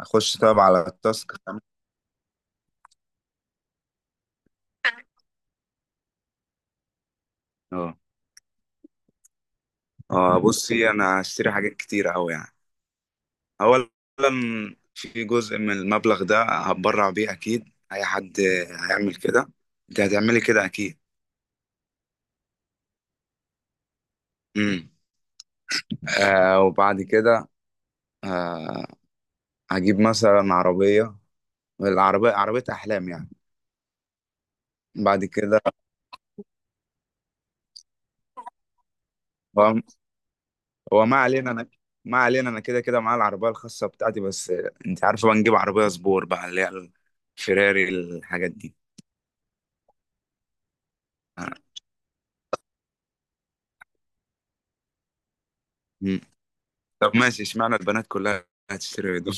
اخش طب على التاسك. اه اه، بصي، انا هشتري حاجات كتير اوي يعني. اولا، في جزء من المبلغ ده هتبرع بيه، اكيد اي حد هيعمل كده. انت هتعملي كده اكيد. امم. وبعد كده، آه، هجيب مثلا عربية. العربية عربية احلام يعني. بعد كده، هو ما علينا، انا ما علينا، انا كده كده معايا العربية الخاصة بتاعتي بس. انت عارفة بقى، نجيب عربية سبور بقى، اللي هي الفيراري، الحاجات دي. آه. طب ماشي، اشمعنى البنات كلها هتشتري هدوم؟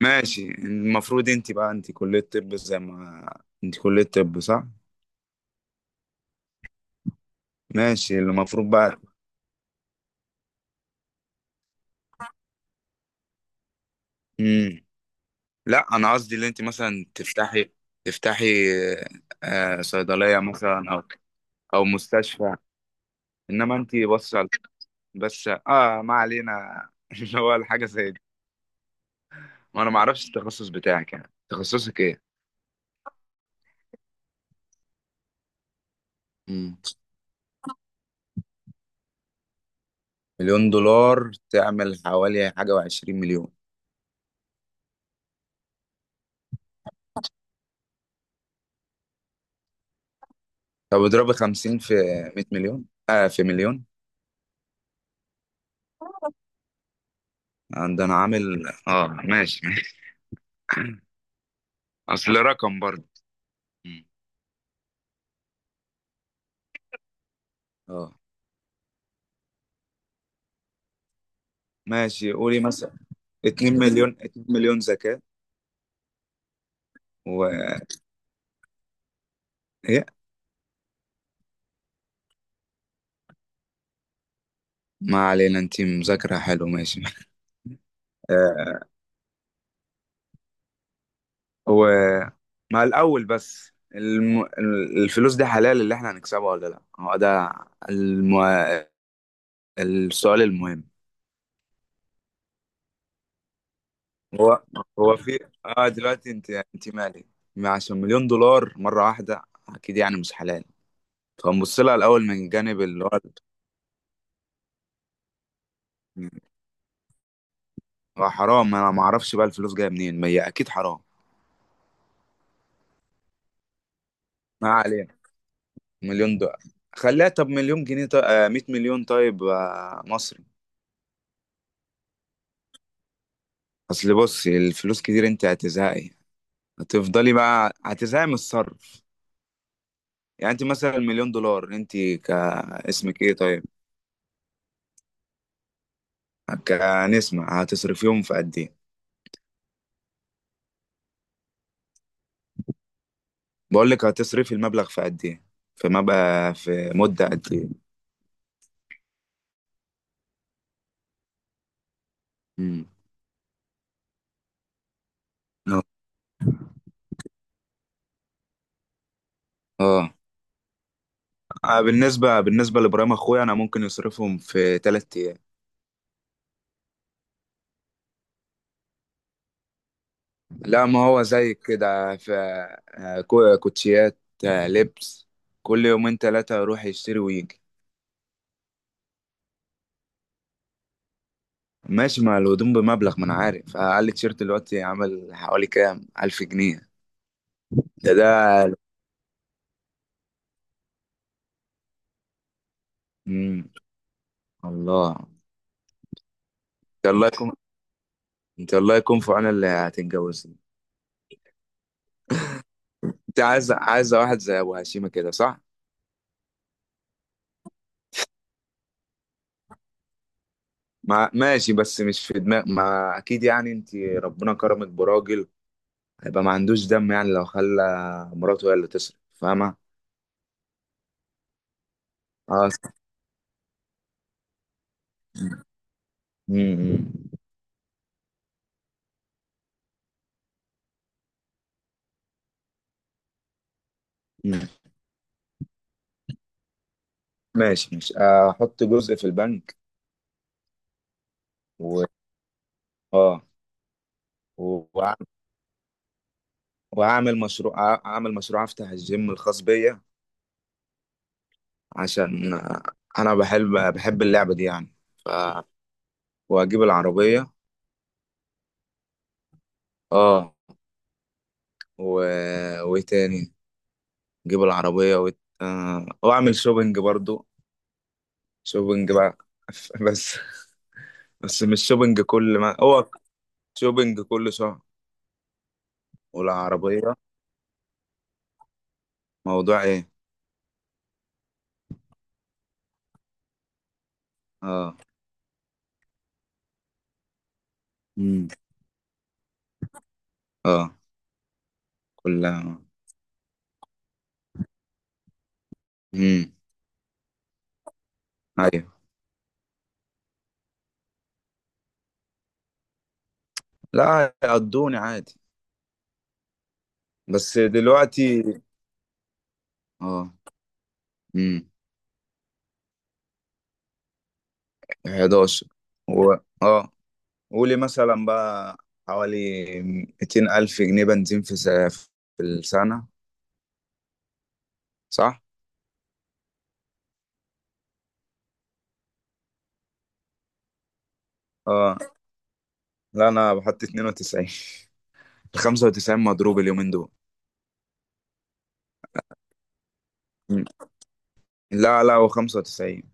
ماشي، المفروض انت كلية طب، زي ما انت كلية طب صح؟ ماشي، المفروض بقى. مم. لا، انا قصدي اللي انت مثلا تفتحي، آه، صيدلية مثلا، او او مستشفى. انما انت بس، بس ما علينا. اللي هو الحاجة زي دي. وانا ما اعرفش التخصص بتاعك، يعني تخصصك ايه؟ مم. مليون دولار تعمل حوالي حاجة وعشرين مليون. طب اضربي 50 في 100 مليون. في مليون عندنا، عامل ماشي ماشي. اصل رقم برضه. مم. اه ماشي، قولي مثلا 2 مليون، 2 مليون زكاة. و ايه؟ ما علينا، انت مذاكرة حلو ماشي. آه. هو مع الاول بس، الفلوس دي حلال اللي احنا هنكسبها ولا لا؟ هو ده الم... السؤال المهم. هو هو في، اه دلوقتي انت مالي؟ عشان مليون دولار مرة واحدة اكيد يعني مش حلال. فنبص لها الاول من جانب اللي هو، هو حرام، انا ما اعرفش بقى الفلوس جايه منين، ما هي اكيد حرام. ما علينا. مليون دولار، خليها طب مليون جنيه، طيب 100 مليون طيب، مصري. اصل بصي، الفلوس كتير انت هتزهقي، هتفضلي بقى هتزهقي من الصرف. يعني انت مثلا مليون دولار، انت كاسمك ايه طيب؟ كنسمة، هتصرفيهم في قد ايه؟ بقول لك، هتصرفي المبلغ في قد ايه؟ في مدة قد ايه؟ مم. اه. بالنسبة لإبراهيم أخويا، أنا ممكن يصرفهم في تلات أيام. لا، ما هو زي كده في، كوتشيات، آه، لبس. كل يومين تلاتة يروح يشتري ويجي. ماشي، مع الهدوم بمبلغ، ما أنا عارف، أقل تيشيرت دلوقتي عامل حوالي كام ألف جنيه. ده. مم. الله. أنت الله يكون أنت الله يكون في عون اللي هتتجوزني. أنت عايزة واحد زي أبو هشيمة كده صح؟ ما ماشي، بس مش في دماغ، ما أكيد يعني أنت ربنا كرمك براجل، هيبقى ما عندوش دم يعني، لو خلى مراته هي اللي تصرف، فاهمة؟ اه، مم، مم، مم. ماشي ماشي، احط جزء في البنك، و اه، و- وأع- اعمل مشروع، افتح الجيم الخاص بيا، عشان آه، انا بحب اللعبة دي يعني. ف... واجيب العربية، اه، و... وايه تاني؟ اجيب العربية واعمل شوبينج برضو. شوبينج بقى. بس. بس مش شوبينج كل ما هو، شوبينج كل شهر. والعربية. موضوع ايه؟ اه. امم. اه، كلها. امم. ايوه. لا، هيقضوني عادي. بس دلوقتي. اه. امم. 11. و... اه، قولي مثلا بقى حوالي 200 ألف جنيه بنزين في السنة. صح؟ اه، لا انا بحط 92، 95 مضروب اليومين دول. مم. لا لا، هو 95.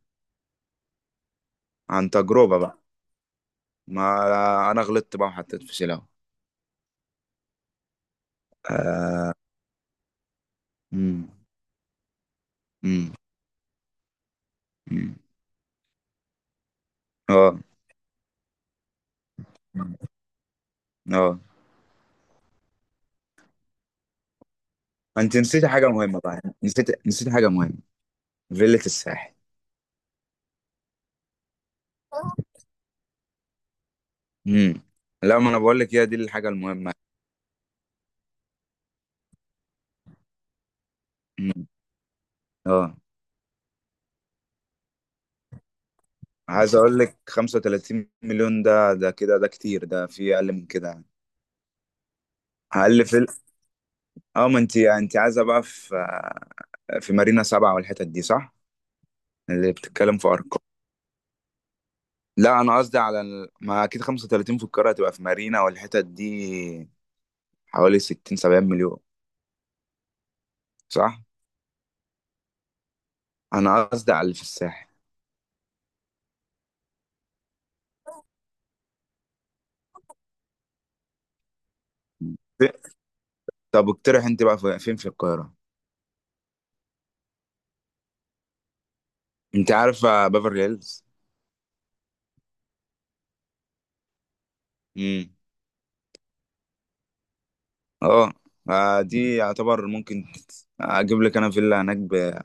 عن تجربة بقى، ما انا غلطت بقى وحطيت في شيلة. آه. مم. مم. مم. اه. مم. اه، انت نسيتي حاجه مهمه بقى، نسيت حاجه مهمه، فيلة الساحل. امم. لا، ما انا بقول لك، هي دي الحاجه المهمه. مم. اه، عايز اقول لك 35 مليون ده، ده كده ده كتير، ده في اقل من كده. اقل في ال- اه، ما انت عايزه بقى في، في مارينا سبعة والحتت دي صح؟ اللي بتتكلم في ارقام. لا، انا قصدي على ما اكيد 35 في القاهره هتبقى في مارينا والحتت دي حوالي 60، 70 مليون. صح، انا قصدي على اللي في الساحل. طب اقترح انت بقى فين في القاهرة؟ انت عارفة بافرلي هيلز؟ امم. اه. آه، دي يعتبر ممكن، اجيب لك انا فيلا هناك ب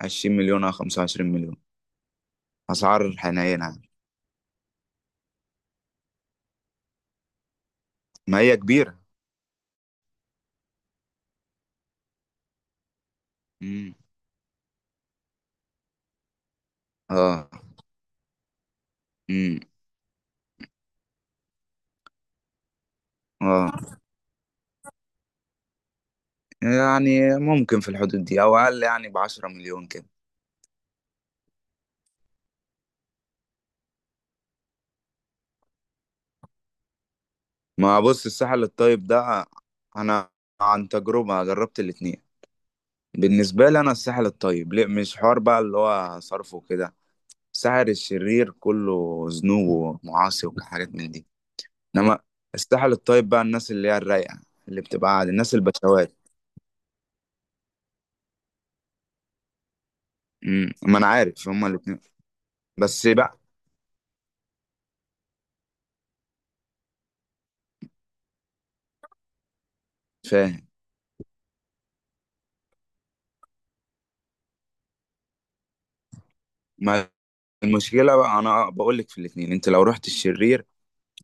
20 مليون او 25 مليون، اسعار حنينة يعني. ما هي كبيرة. امم. اه. امم. اه، يعني ممكن في الحدود دي او اقل، يعني ب 10 مليون كده. ما بص، الساحل الطيب ده، انا عن تجربة جربت الاتنين، بالنسبة لي انا، الساحل الطيب ليه مش حوار بقى، اللي هو صرفه كده. سحر الشرير كله ذنوب ومعاصي وحاجات من دي. انما السحر الطيب بقى، الناس اللي هي الرايقه، اللي بتبقى عادي، الناس البشوات. امم، ما انا عارف هما الاثنين. بس بقى، فاهم، ما المشكله بقى، انا بقول لك في الاثنين، انت لو رحت الشرير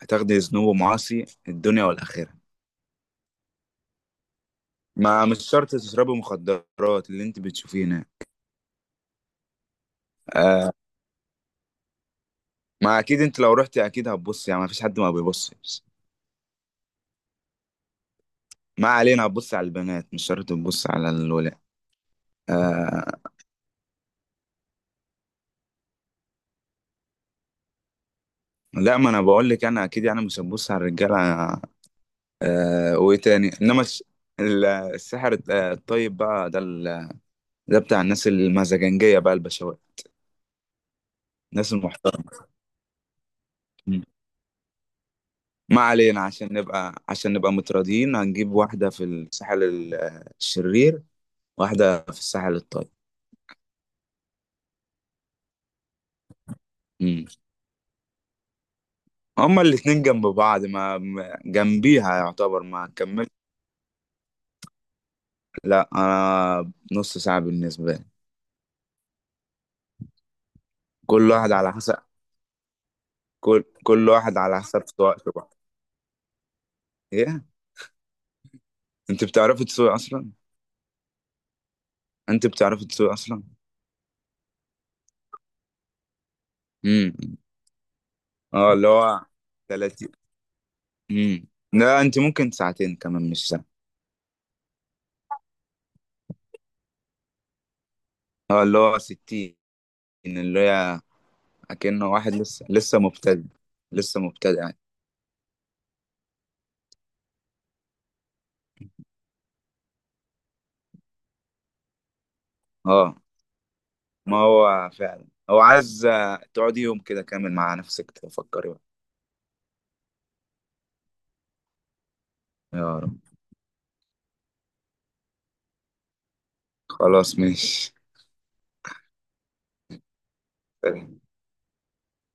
هتاخدي ذنوب ومعاصي الدنيا والاخره. ما مش شرط تشربي مخدرات، اللي انت بتشوفيه هنا. آه. ما اكيد انت لو رحتي اكيد هتبصي، يعني ما فيش حد ما بيبصش. ما علينا، هتبص على البنات، مش شرط تبص على الولاد. آه. لا، ما انا بقول لك، انا اكيد يعني مش هبص على الرجاله. آه، وايه تاني؟ انما الس- ال- السحر الط- آه، الطيب بقى ده ده بتاع الناس المزاجنجيه بقى، البشوات، الناس المحترمه. مم. ما علينا، عشان نبقى، عشان نبقى متراضيين، هنجيب واحده في الساحل الشرير، واحده في الساحل الطيب. مم. هما الاتنين جنب بعض، جنبيها يعتبر، ما كملت. لا، انا نص ساعه بالنسبه لي. كل واحد على حسب، كل واحد على حسب وقته بقى. ايه؟ انت بتعرفي تسوقي اصلا؟ انت بتعرفي تسوقي اصلا؟ امم. اه، اللي هو 30. امم. لا، انت ممكن ساعتين كمان، مش ساعة. اه، اللي هو 60، اللي هي، اكنه واحد لسه مبتدئ، لسه مبتدئ يعني. اه، ما هو فعلا، هو عايز آه، تقعدي يوم كده كامل مع نفسك، تفكري بقى. يا رب. خلاص ماشي.